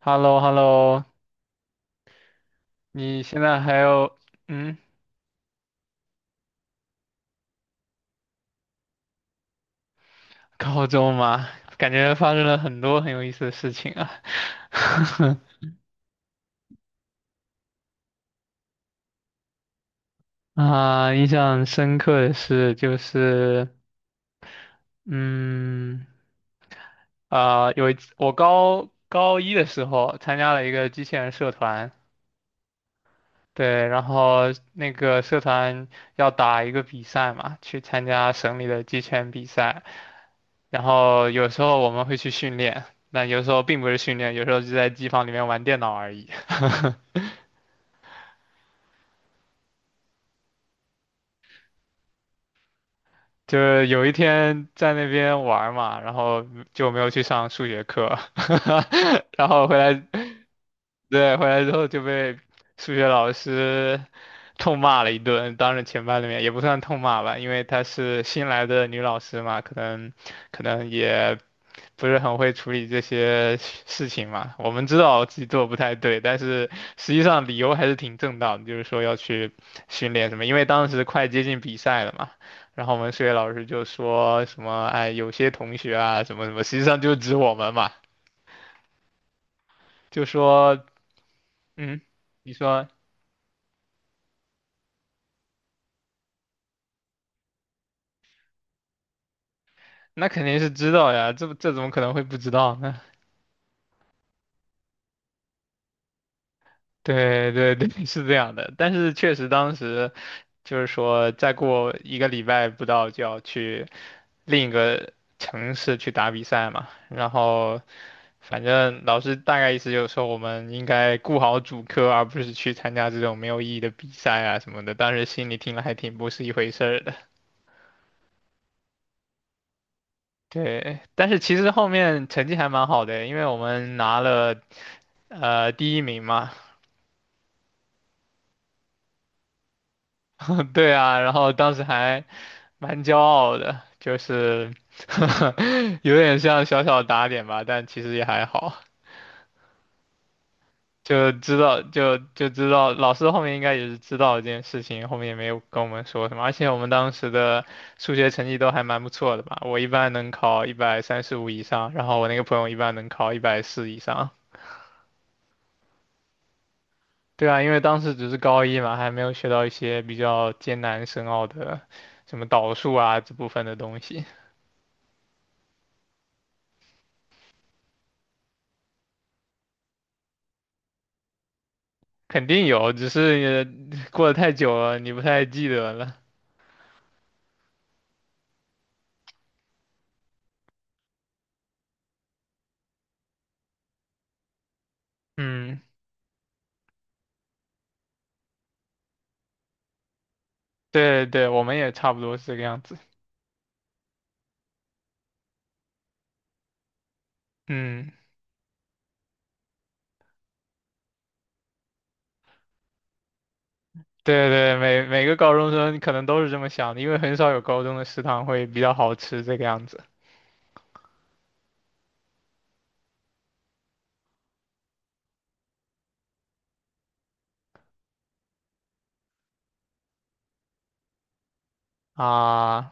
Hello hello 你现在还有嗯高中吗？感觉发生了很多很有意思的事情啊。啊，印象深刻的是就是嗯有一次我高一的时候参加了一个机器人社团。对，然后那个社团要打一个比赛嘛，去参加省里的机器人比赛。然后有时候我们会去训练，那有时候并不是训练，有时候就在机房里面玩电脑而已。就是有一天在那边玩儿嘛，然后就没有去上数学课。然后回来，对，回来之后就被数学老师痛骂了一顿，当着全班的面也不算痛骂吧，因为她是新来的女老师嘛，可能也不是很会处理这些事情嘛。我们知道自己做得不太对，但是实际上理由还是挺正当的，就是说要去训练什么，因为当时快接近比赛了嘛。然后我们数学老师就说什么，哎，有些同学啊，什么什么，实际上就指我们嘛，就说，嗯，你说。那肯定是知道呀，这怎么可能会不知道呢？对对对，是这样的。但是确实当时就是说，再过一个礼拜不到就要去另一个城市去打比赛嘛。然后，反正老师大概意思就是说，我们应该顾好主科，而不是去参加这种没有意义的比赛啊什么的。当时心里听了还挺不是一回事儿的。对，但是其实后面成绩还蛮好的，因为我们拿了第一名嘛。对啊，然后当时还蛮骄傲的，就是 有点像小小打点吧，但其实也还好，就知道老师后面应该也是知道这件事情，后面也没有跟我们说什么，而且我们当时的数学成绩都还蛮不错的吧，我一般能考135以上，然后我那个朋友一般能考140以上。对啊，因为当时只是高一嘛，还没有学到一些比较艰难深奥的什么导数啊这部分的东西。肯定有，只是你过得太久了，你不太记得了。嗯，对对，我们也差不多是这个样子。嗯，对对，每个高中生可能都是这么想的，因为很少有高中的食堂会比较好吃这个样子啊。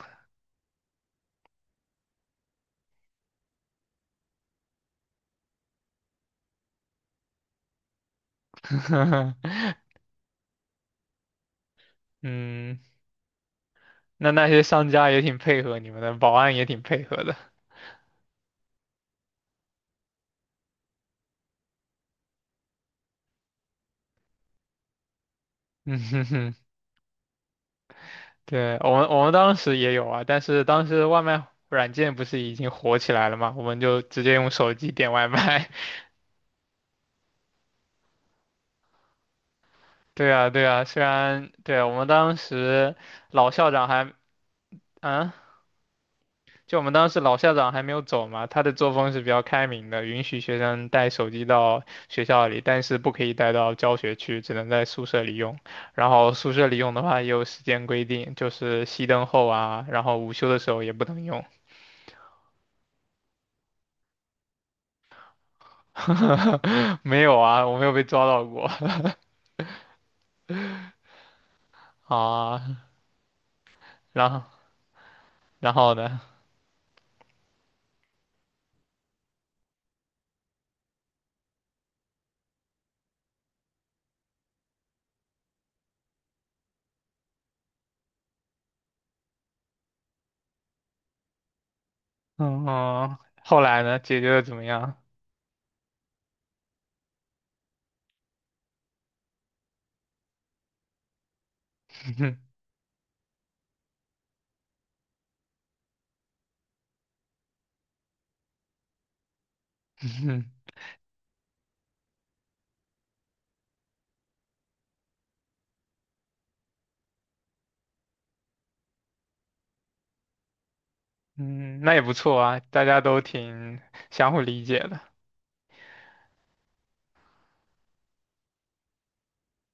嗯，那些商家也挺配合你们的，保安也挺配合的。嗯哼哼，对，我们当时也有啊，但是当时外卖软件不是已经火起来了嘛，我们就直接用手机点外卖。对啊，对啊，虽然对啊，我们当时老校长还，嗯，就我们当时老校长还没有走嘛，他的作风是比较开明的，允许学生带手机到学校里，但是不可以带到教学区，只能在宿舍里用。然后宿舍里用的话也有时间规定，就是熄灯后啊，然后午休的时候也不能用。没有啊，我没有被抓到过 啊。然后，然后，呢？嗯，后来呢？解决的怎么样？嗯，那也不错啊，大家都挺相互理解的。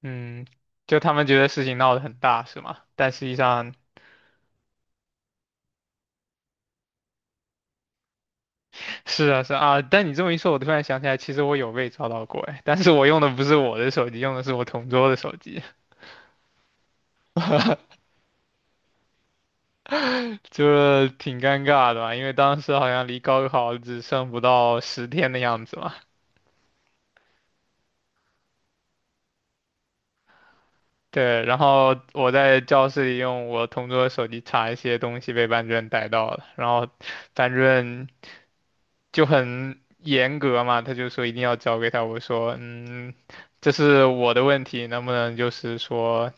嗯，就他们觉得事情闹得很大，是吗？但实际上是啊是啊。啊但你这么一说，我突然想起来，其实我有被抓到过，哎，但是我用的不是我的手机，用的是我同桌的手机，就挺尴尬的吧？因为当时好像离高考只剩不到10天的样子嘛。对，然后我在教室里用我同桌的手机查一些东西，被班主任逮到了，然后班主任就很严格嘛，他就说一定要交给他。我说，这是我的问题，能不能就是说，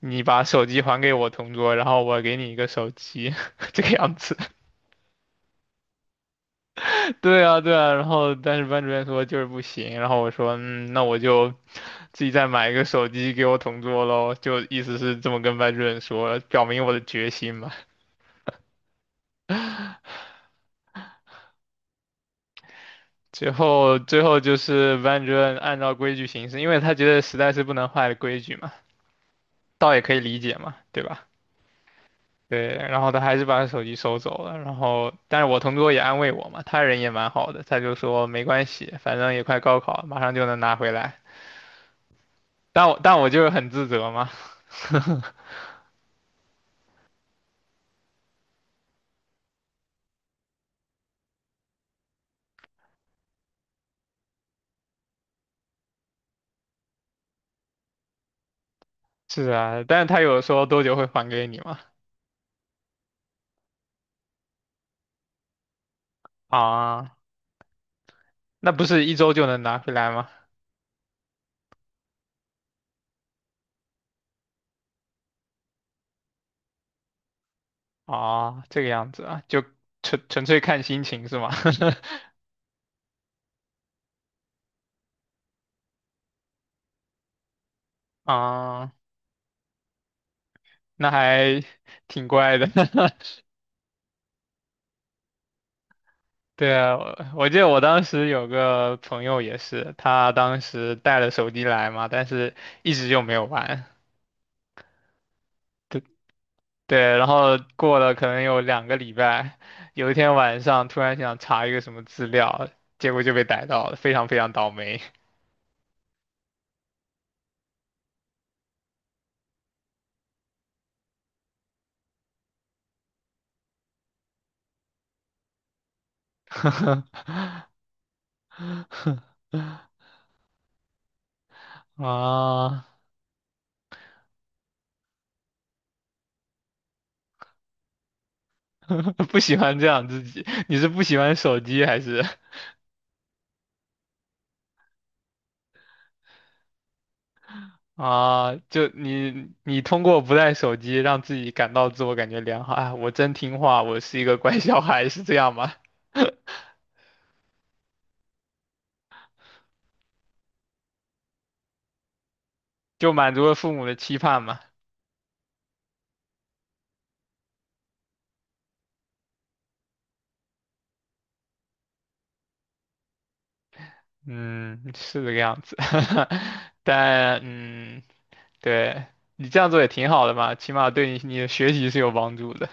你把手机还给我同桌，然后我给你一个手机，这个样子。对啊，对啊。然后但是班主任说就是不行，然后我说，那我就自己再买一个手机给我同桌喽，就意思是这么跟班主任说，表明我的决心嘛。最后，最后就是班主任按照规矩行事，因为他觉得实在是不能坏了规矩嘛。倒也可以理解嘛，对吧？对，然后他还是把手机收走了，然后但是我同桌也安慰我嘛，他人也蛮好的，他就说没关系，反正也快高考了马上就能拿回来。但我就是很自责嘛。是啊，但是他有说多久会还给你嘛？啊，那不是一周就能拿回来吗？啊，这个样子啊，就纯粹看心情是吗？啊，那还挺怪的。对啊，我记得我当时有个朋友也是，他当时带了手机来嘛，但是一直就没有玩。对对，然后过了可能有2个礼拜，有一天晚上突然想查一个什么资料，结果就被逮到了，非常非常倒霉。啊，不喜欢这样自己，你是不喜欢手机还是？啊，就你通过不带手机让自己感到自我感觉良好，啊，我真听话，我是一个乖小孩，是这样吗？就满足了父母的期盼嘛。嗯，是这个样子。但嗯，对你这样做也挺好的嘛，起码对你的学习是有帮助的。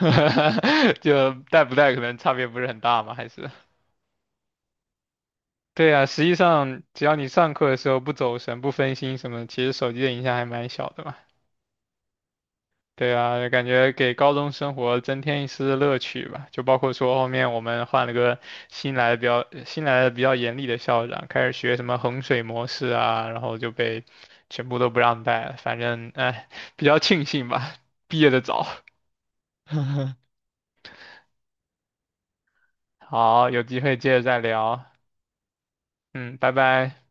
就带不带可能差别不是很大嘛，还是。对啊，实际上只要你上课的时候不走神、不分心什么的其实手机的影响还蛮小的嘛。对啊，感觉给高中生活增添一丝乐趣吧。就包括说后面我们换了个新来的比较严厉的校长，开始学什么衡水模式啊，然后就被全部都不让带了。反正哎，比较庆幸吧，毕业的早。好，有机会接着再聊。嗯，拜拜。